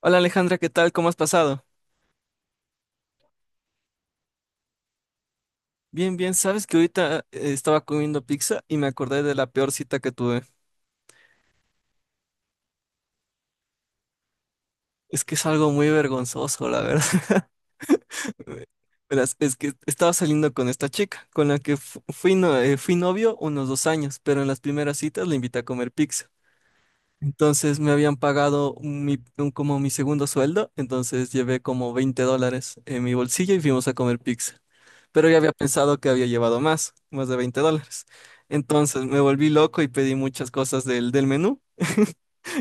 Hola Alejandra, ¿qué tal? ¿Cómo has pasado? Bien, bien, sabes que ahorita estaba comiendo pizza y me acordé de la peor cita que tuve. Es que es algo muy vergonzoso, la verdad. Verás, es que estaba saliendo con esta chica, con la que fu- fui, no- fui novio unos 2 años, pero en las primeras citas le invité a comer pizza. Entonces me habían pagado como mi segundo sueldo, entonces llevé como $20 en mi bolsillo y fuimos a comer pizza. Pero yo había pensado que había llevado más de $20. Entonces me volví loco y pedí muchas cosas del menú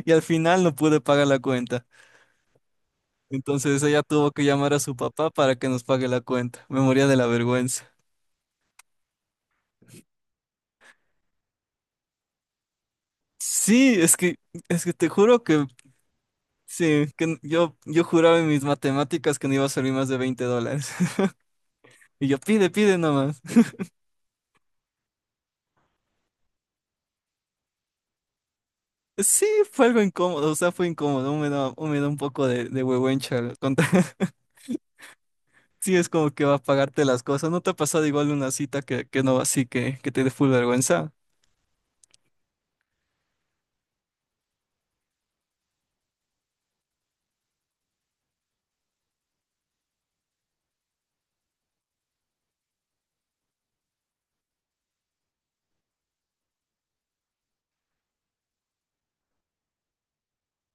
y al final no pude pagar la cuenta. Entonces ella tuvo que llamar a su papá para que nos pague la cuenta. Me moría de la vergüenza. Sí, es que te juro que sí, que yo juraba en mis matemáticas que no iba a salir más de $20. Y yo, pide, pide nomás. Sí, fue algo incómodo, o sea, fue incómodo, me da un poco de huehuencha contar. Sí, es como que va a pagarte las cosas. ¿No te ha pasado igual una cita que no así que te dé full vergüenza?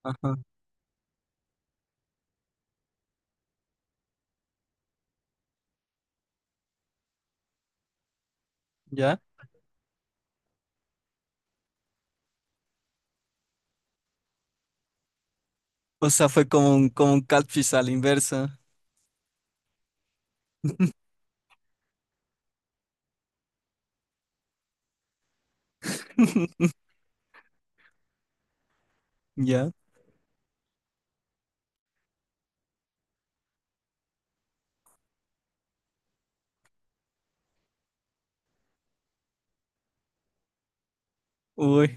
Ajá. ¿Ya? O sea, fue como como un catfish a la inversa. ¿Ya? Uy.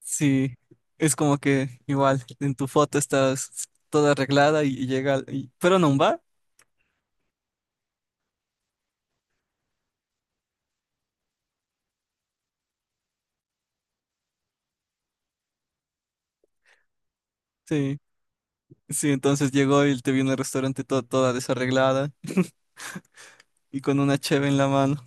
Sí, es como que igual en tu foto estás toda arreglada y llega, pero no un bar. Sí, sí, entonces llegó y te vino al restaurante toda desarreglada y con una cheve en la mano.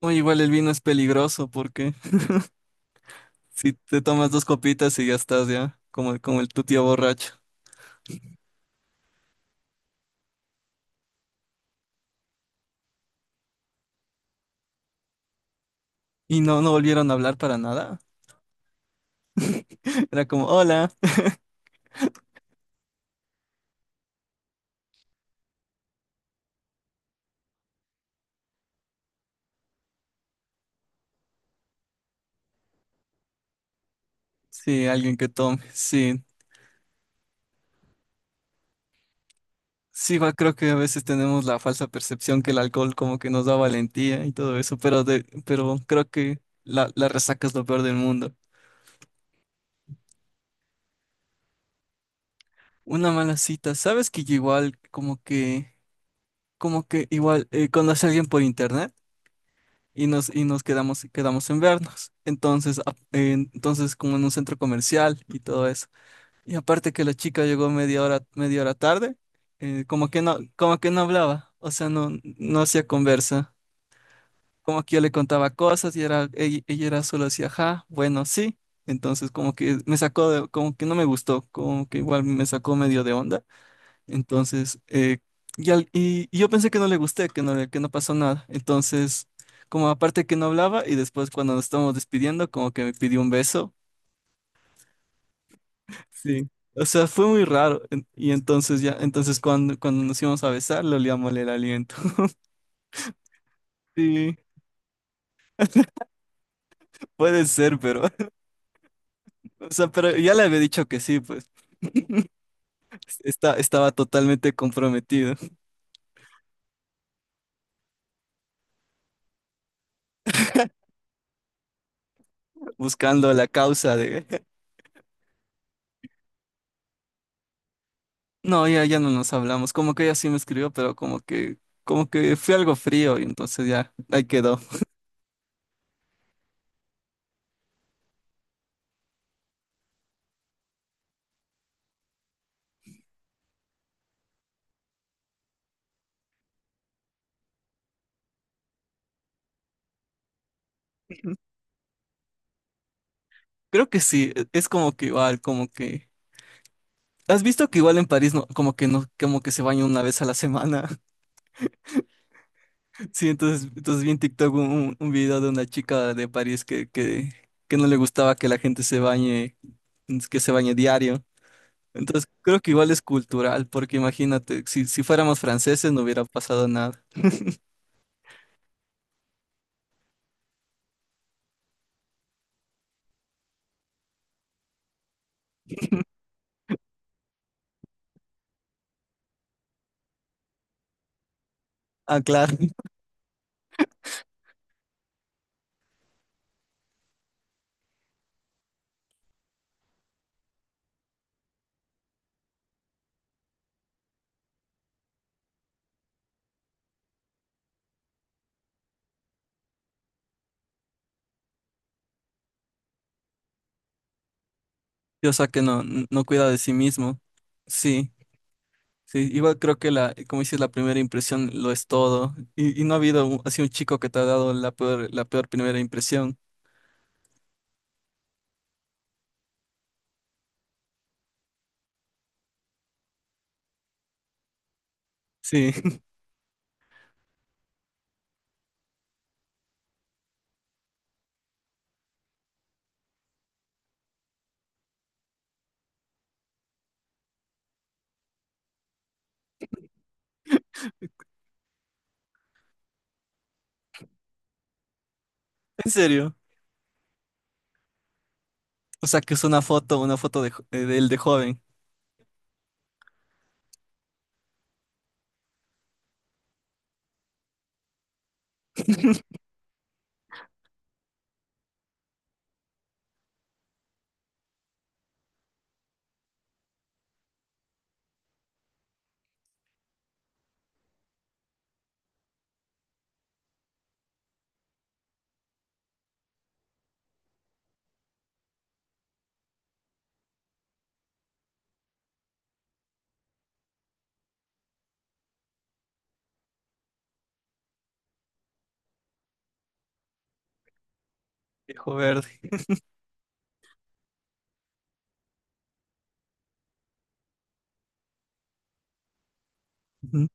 O igual el vino es peligroso porque si te tomas dos copitas y ya estás ya, como, como el tu tío borracho. Y no, no volvieron a hablar para nada. Era como, hola. Sí, alguien que tome. Sí, sí, igual creo que a veces tenemos la falsa percepción que el alcohol como que nos da valentía y todo eso, pero, de, pero creo que la resaca es lo peor del mundo. Una mala cita, ¿sabes que yo igual como que, igual conocí a alguien por internet y nos quedamos en vernos? Entonces, como en un centro comercial y todo eso. Y aparte que la chica llegó media hora tarde, como que no hablaba, o sea, no, no hacía conversa. Como que yo le contaba cosas y era, ella era solo así, ajá, bueno, sí. Entonces como que me sacó como que no me gustó, como que igual me sacó medio de onda. Entonces, y yo pensé que no le gusté, que no pasó nada. Entonces, como aparte que no hablaba y después cuando nos estábamos despidiendo, como que me pidió un beso. Sí. O sea, fue muy raro. Y entonces ya, entonces cuando nos íbamos a besar, le olía mal el aliento. Sí, puede ser, pero, o sea, pero ya le había dicho que sí, pues. Está estaba totalmente comprometido, buscando la causa de... No, ya, ya no nos hablamos. Como que ella sí me escribió, pero como que fue algo frío y entonces ya, ahí quedó. Creo que sí, es como que igual, como que... ¿Has visto que igual en París no, como que no, como que se baña una vez a la semana? Sí, entonces vi en TikTok un video de una chica de París que no le gustaba que la gente se bañe, que se bañe diario. Entonces, creo que igual es cultural, porque imagínate, si fuéramos franceses no hubiera pasado nada. Ah, claro. Y, o sea que no, no cuida de sí mismo. Sí, sí, igual creo que la, como dices, la primera impresión lo es todo. Y no ha habido así un chico que te ha dado la peor primera impresión. Sí, en serio. O sea que es una foto de él de joven, viejo verde. Ujú.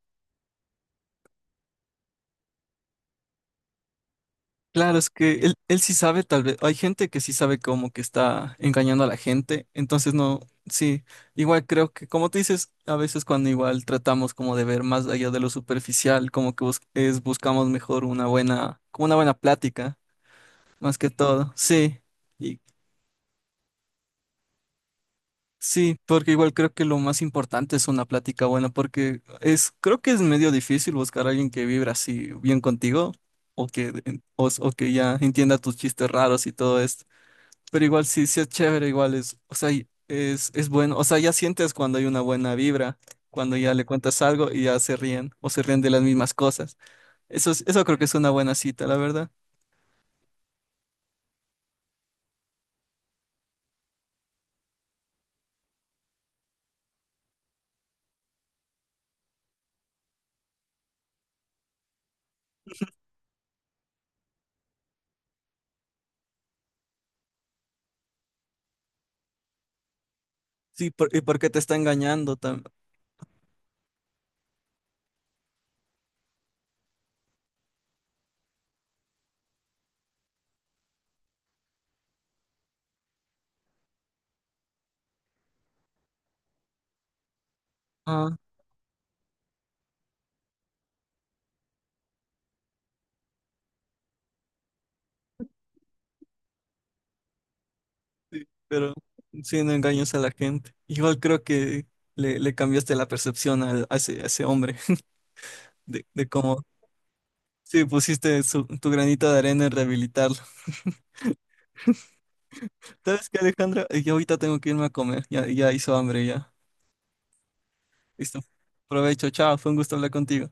Claro, es que él sí sabe, tal vez. Hay gente que sí sabe como que está engañando a la gente. Entonces, no, sí. Igual creo que, como tú dices, a veces cuando igual tratamos como de ver más allá de lo superficial, como que buscamos mejor una buena, como una buena plática, más que todo. Sí. Y sí, porque igual creo que lo más importante es una plática buena, porque creo que es medio difícil buscar a alguien que vibra así bien contigo, o que, o que ya entienda tus chistes raros y todo esto. Pero igual sí, sí es chévere, igual es, o sea, es bueno, o sea, ya sientes cuando hay una buena vibra, cuando ya le cuentas algo y ya se ríen o se ríen de las mismas cosas. Eso eso creo que es una buena cita, la verdad. Sí, porque te está engañando también. Ah, sí, pero sí, no engañas a la gente. Igual creo que le cambiaste la percepción a ese hombre de cómo, sí, pusiste tu granito de arena en rehabilitarlo. ¿Sabes qué, Alejandra? Yo ahorita tengo que irme a comer, ya, ya hizo hambre ya. Listo. Provecho, chao. Fue un gusto hablar contigo.